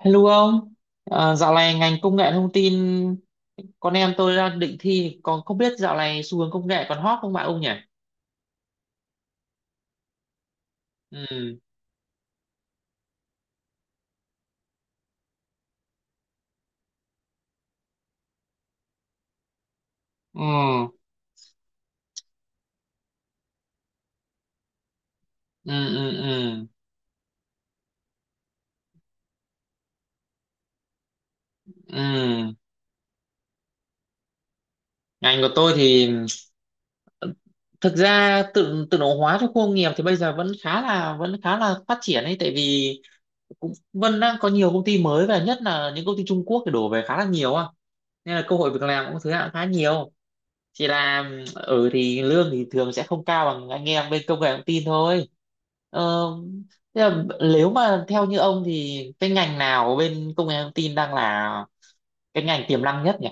Hello ông. Dạo này ngành công nghệ thông tin con em tôi đang định thi, còn không biết dạo này xu hướng công nghệ còn hot không bạn ông nhỉ? Ừ, ừ, ừ, ừ, ừ, ừ. Ngành của tôi thì thực ra tự tự động hóa trong khu công nghiệp thì bây giờ vẫn khá là phát triển ấy, tại vì cũng vẫn đang có nhiều công ty mới, và nhất là những công ty Trung Quốc thì đổ về khá là nhiều á, nên là cơ hội việc làm cũng thứ hạng khá nhiều. Chỉ là ở thì lương thì thường sẽ không cao bằng anh em bên công nghệ thông tin thôi. ờ, Thế là nếu mà theo như ông thì cái ngành nào bên công nghệ thông tin đang là cái ngành tiềm năng nhất nhỉ?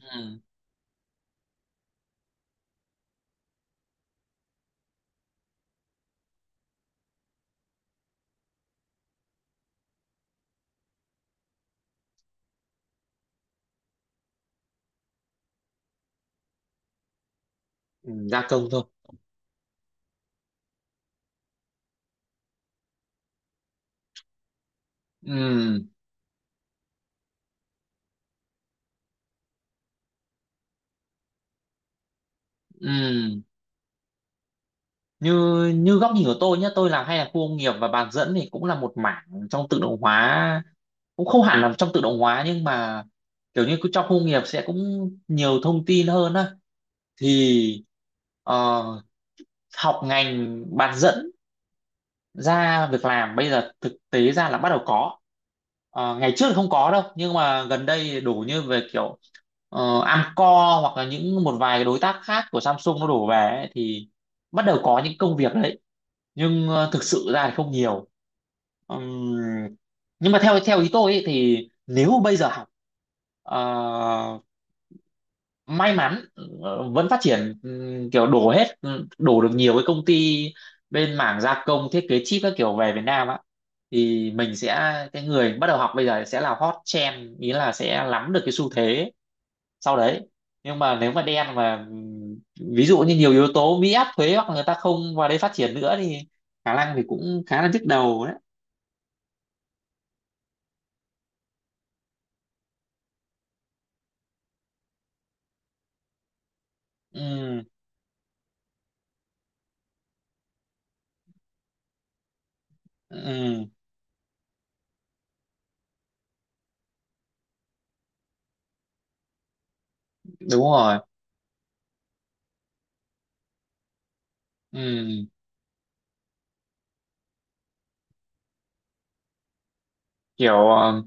Ừ. Ừ, gia công thôi. Ừ, ừ. Như như góc nhìn của tôi nhé, tôi làm hay là khu công nghiệp và bán dẫn thì cũng là một mảng trong tự động hóa, cũng không hẳn là trong tự động hóa nhưng mà kiểu như cứ trong khu công nghiệp sẽ cũng nhiều thông tin hơn á. Thì ờ, học ngành bán dẫn ra việc làm bây giờ thực tế ra là bắt đầu có. Ờ, ngày trước thì không có đâu nhưng mà gần đây đổ như về kiểu Amcor hoặc là những một vài đối tác khác của Samsung nó đổ về ấy, thì bắt đầu có những công việc đấy, nhưng thực sự ra thì không nhiều. Ừm, nhưng mà theo theo ý tôi ấy, thì nếu bây giờ học, ờ, may mắn, vẫn phát triển, kiểu đổ hết, đổ được nhiều cái công ty bên mảng gia công thiết kế chip các kiểu về Việt Nam á, thì mình sẽ, cái người bắt đầu học bây giờ sẽ là hot trend, ý là sẽ nắm được cái xu thế sau đấy. Nhưng mà nếu mà đen mà ví dụ như nhiều yếu tố Mỹ áp thuế hoặc người ta không vào đây phát triển nữa thì khả năng thì cũng khá là nhức đầu đấy. Ừm, ừm, đúng rồi. Ừm, kiểu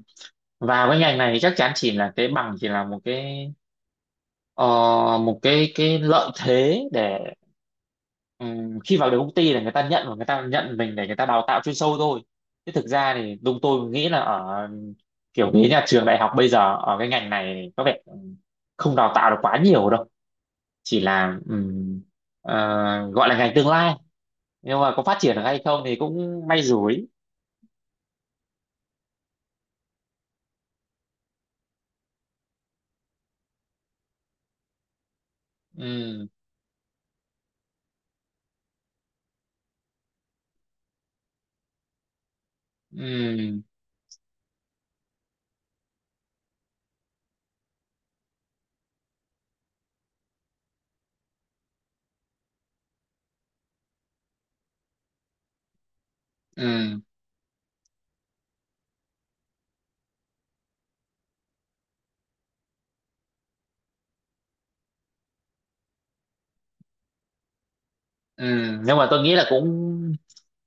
vào cái ngành này chắc chắn chỉ là cái bằng chỉ là một cái, ờ, một cái lợi thế để, khi vào được công ty là người ta nhận, và người ta nhận mình để người ta đào tạo chuyên sâu thôi. Chứ thực ra thì đúng, tôi nghĩ là ở kiểu cái nhà trường đại học bây giờ ở cái ngành này thì có vẻ không đào tạo được quá nhiều đâu. Chỉ là gọi là ngành tương lai, nhưng mà có phát triển được hay không thì cũng may rủi. Ừm, ừm, ừm, nhưng mà tôi nghĩ là cũng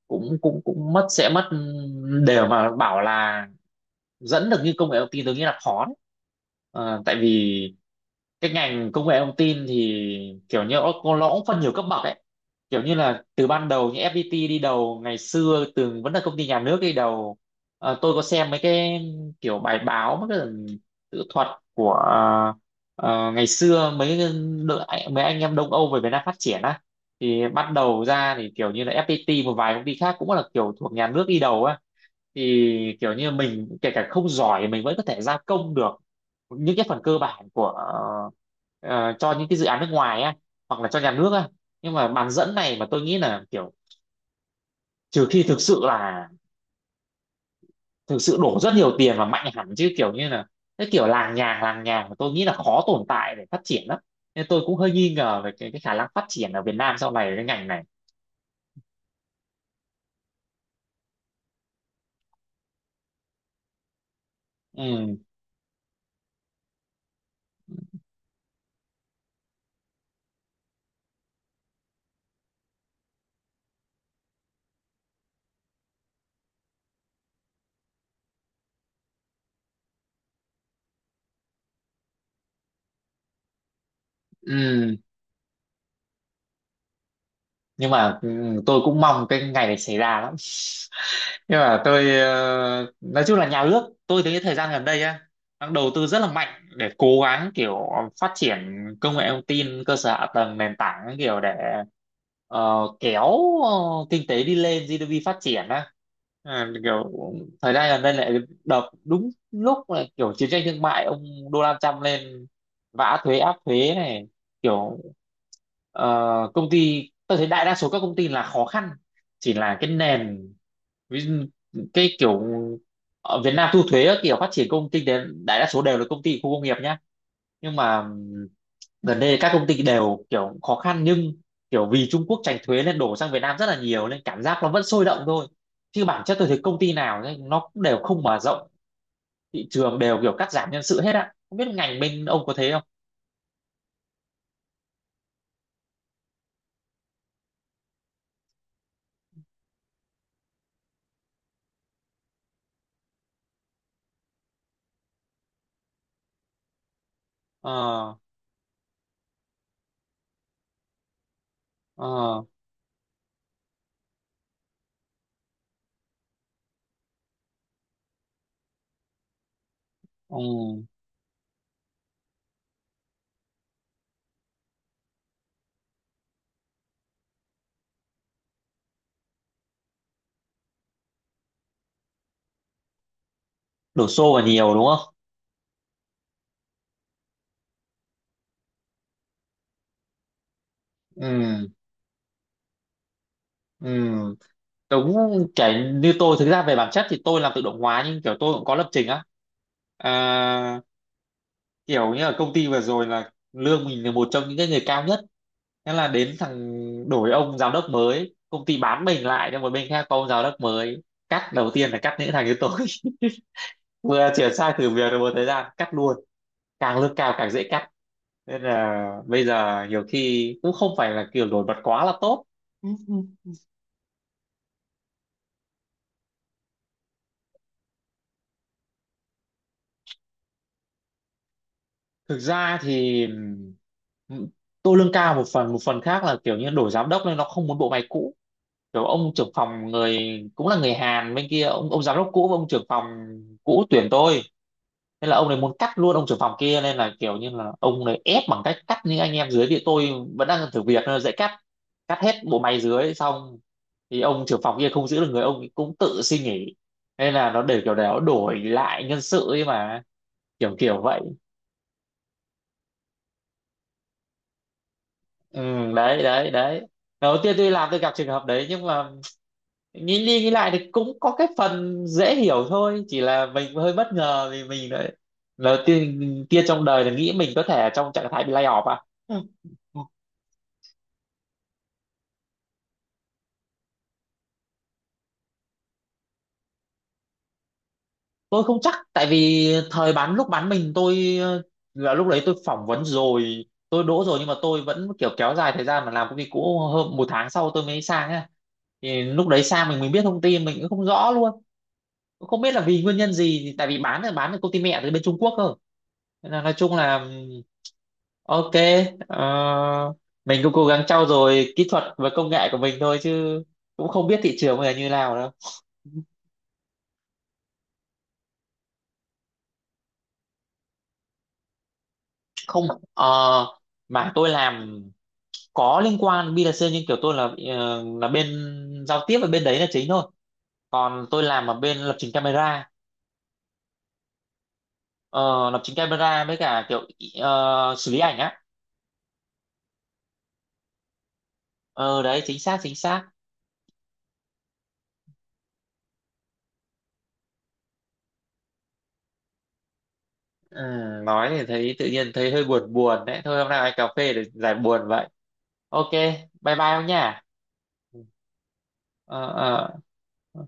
cũng cũng cũng mất, sẽ mất đều mà bảo là dẫn được như công nghệ thông tin tôi nghĩ là khó đấy. Ờ, tại vì cái ngành công nghệ thông tin thì kiểu như nó cũng phân nhiều cấp bậc ấy, kiểu như là từ ban đầu như FPT đi đầu, ngày xưa từng vẫn là công ty nhà nước đi đầu. Ờ, tôi có xem mấy cái kiểu bài báo, mấy cái tự thuật của, ờ, ngày xưa mấy cái đội, mấy anh em Đông Âu về Việt Nam phát triển á, thì bắt đầu ra thì kiểu như là FPT, một vài công ty khác cũng là kiểu thuộc nhà nước đi đầu á, thì kiểu như mình kể cả không giỏi mình vẫn có thể gia công được những cái phần cơ bản của, ờ, cho những cái dự án nước ngoài á, hoặc là cho nhà nước á. Nhưng mà bán dẫn này mà tôi nghĩ là kiểu trừ khi thực sự là thực sự đổ rất nhiều tiền và mạnh hẳn, chứ kiểu như là cái kiểu làng nhàng mà tôi nghĩ là khó tồn tại để phát triển lắm. Nên tôi cũng hơi nghi ngờ về cái khả năng phát triển ở Việt Nam sau này cái ngành này. Ừ. Ừ. Nhưng mà ừ, tôi cũng mong cái ngày này xảy ra lắm. Nhưng mà tôi nói chung là nhà nước tôi thấy thời gian gần đây á đang đầu tư rất là mạnh để cố gắng kiểu phát triển công nghệ thông tin, cơ sở hạ tầng, nền tảng, kiểu để kéo ờ, kinh tế đi lên, GDP phát triển á. Ờ, kiểu thời gian gần đây lại đập đúng lúc là kiểu chiến tranh thương mại, ông Donald Trump lên vã thuế, áp thuế này, kiểu, Ờ, công ty tôi thấy đại đa số các công ty là khó khăn. Chỉ là cái nền, ví dụ, cái kiểu ở Việt Nam thu thuế các kiểu, phát triển công ty đến đại đa số đều là công ty khu công nghiệp nhá. Nhưng mà gần đây các công ty đều kiểu khó khăn, nhưng kiểu vì Trung Quốc tránh thuế nên đổ sang Việt Nam rất là nhiều nên cảm giác nó vẫn sôi động thôi. Chứ bản chất tôi thấy công ty nào ấy, nó cũng đều không mở rộng thị trường, đều kiểu cắt giảm nhân sự hết á, không biết ngành bên ông có thế không. Ờ. Ờ. Ừ. Đổ xô vào nhiều đúng không. Ừ. Ừ. Đúng. Cái như tôi thực ra về bản chất thì tôi làm tự động hóa nhưng kiểu tôi cũng có lập trình á. à, Kiểu như ở công ty vừa rồi là lương mình là một trong những cái người cao nhất. Thế là đến thằng, đổi ông giám đốc mới, công ty bán mình lại cho một bên khác, có ông giám đốc mới, cắt đầu tiên là cắt những thằng như tôi. Vừa chuyển sang thử việc được một thời gian cắt luôn. Càng lương cao càng dễ cắt, nên là bây giờ nhiều khi cũng không phải là kiểu nổi bật quá là tốt. Thực ra thì ừm, tôi lương cao một phần, một phần khác là kiểu như đổi giám đốc nên nó không muốn bộ máy cũ. Kiểu ông trưởng phòng người, cũng là người Hàn bên kia, ông giám đốc cũ và ông trưởng phòng cũ tuyển tôi, nên là ông này muốn cắt luôn ông trưởng phòng kia, nên là kiểu như là ông này ép bằng cách cắt những anh em dưới, thì tôi vẫn đang thử việc nên là dễ cắt. Cắt hết bộ máy dưới xong thì ông trưởng phòng kia không giữ được người, ông ấy cũng tự xin nghỉ. Nên là nó để kiểu để nó đổi lại nhân sự ấy mà, kiểu kiểu vậy. Ừ, đấy đấy đấy. Đầu tiên tôi làm tôi gặp trường hợp đấy, nhưng mà nghĩ đi nghĩ lại thì cũng có cái phần dễ hiểu thôi, chỉ là mình hơi bất ngờ vì mình đấy, đầu tiên kia trong đời là nghĩ mình có thể trong trạng thái bị lay off à. Ừ. Tôi không chắc, tại vì thời bán, lúc bán mình tôi là lúc đấy tôi phỏng vấn rồi, tôi đỗ rồi nhưng mà tôi vẫn kiểu kéo dài thời gian mà làm công ty cũ hơn 1 tháng sau tôi mới sang á, thì lúc đấy sang mình biết thông tin mình cũng không rõ luôn. Cũng không biết là vì nguyên nhân gì, thì tại vì bán là bán được công ty mẹ từ bên Trung Quốc cơ. Nên là nói chung là ok, ờ, mình cũng cố gắng trau dồi kỹ thuật và công nghệ của mình thôi, chứ cũng không biết thị trường bây giờ như nào đâu. Không. ờ, mà tôi làm có liên quan B2C, nhưng kiểu tôi là là bên giao tiếp, và bên đấy là chính thôi, còn tôi làm ở bên lập trình camera. Ờ, lập trình camera với cả kiểu xử lý ảnh á. Ờ đấy, chính xác chính xác. Ừ, nói thì thấy tự nhiên thấy hơi buồn buồn đấy. Thôi hôm nào anh cà phê để giải buồn vậy. Ok, bye bye ông nha. Ờ ờ. Ờ.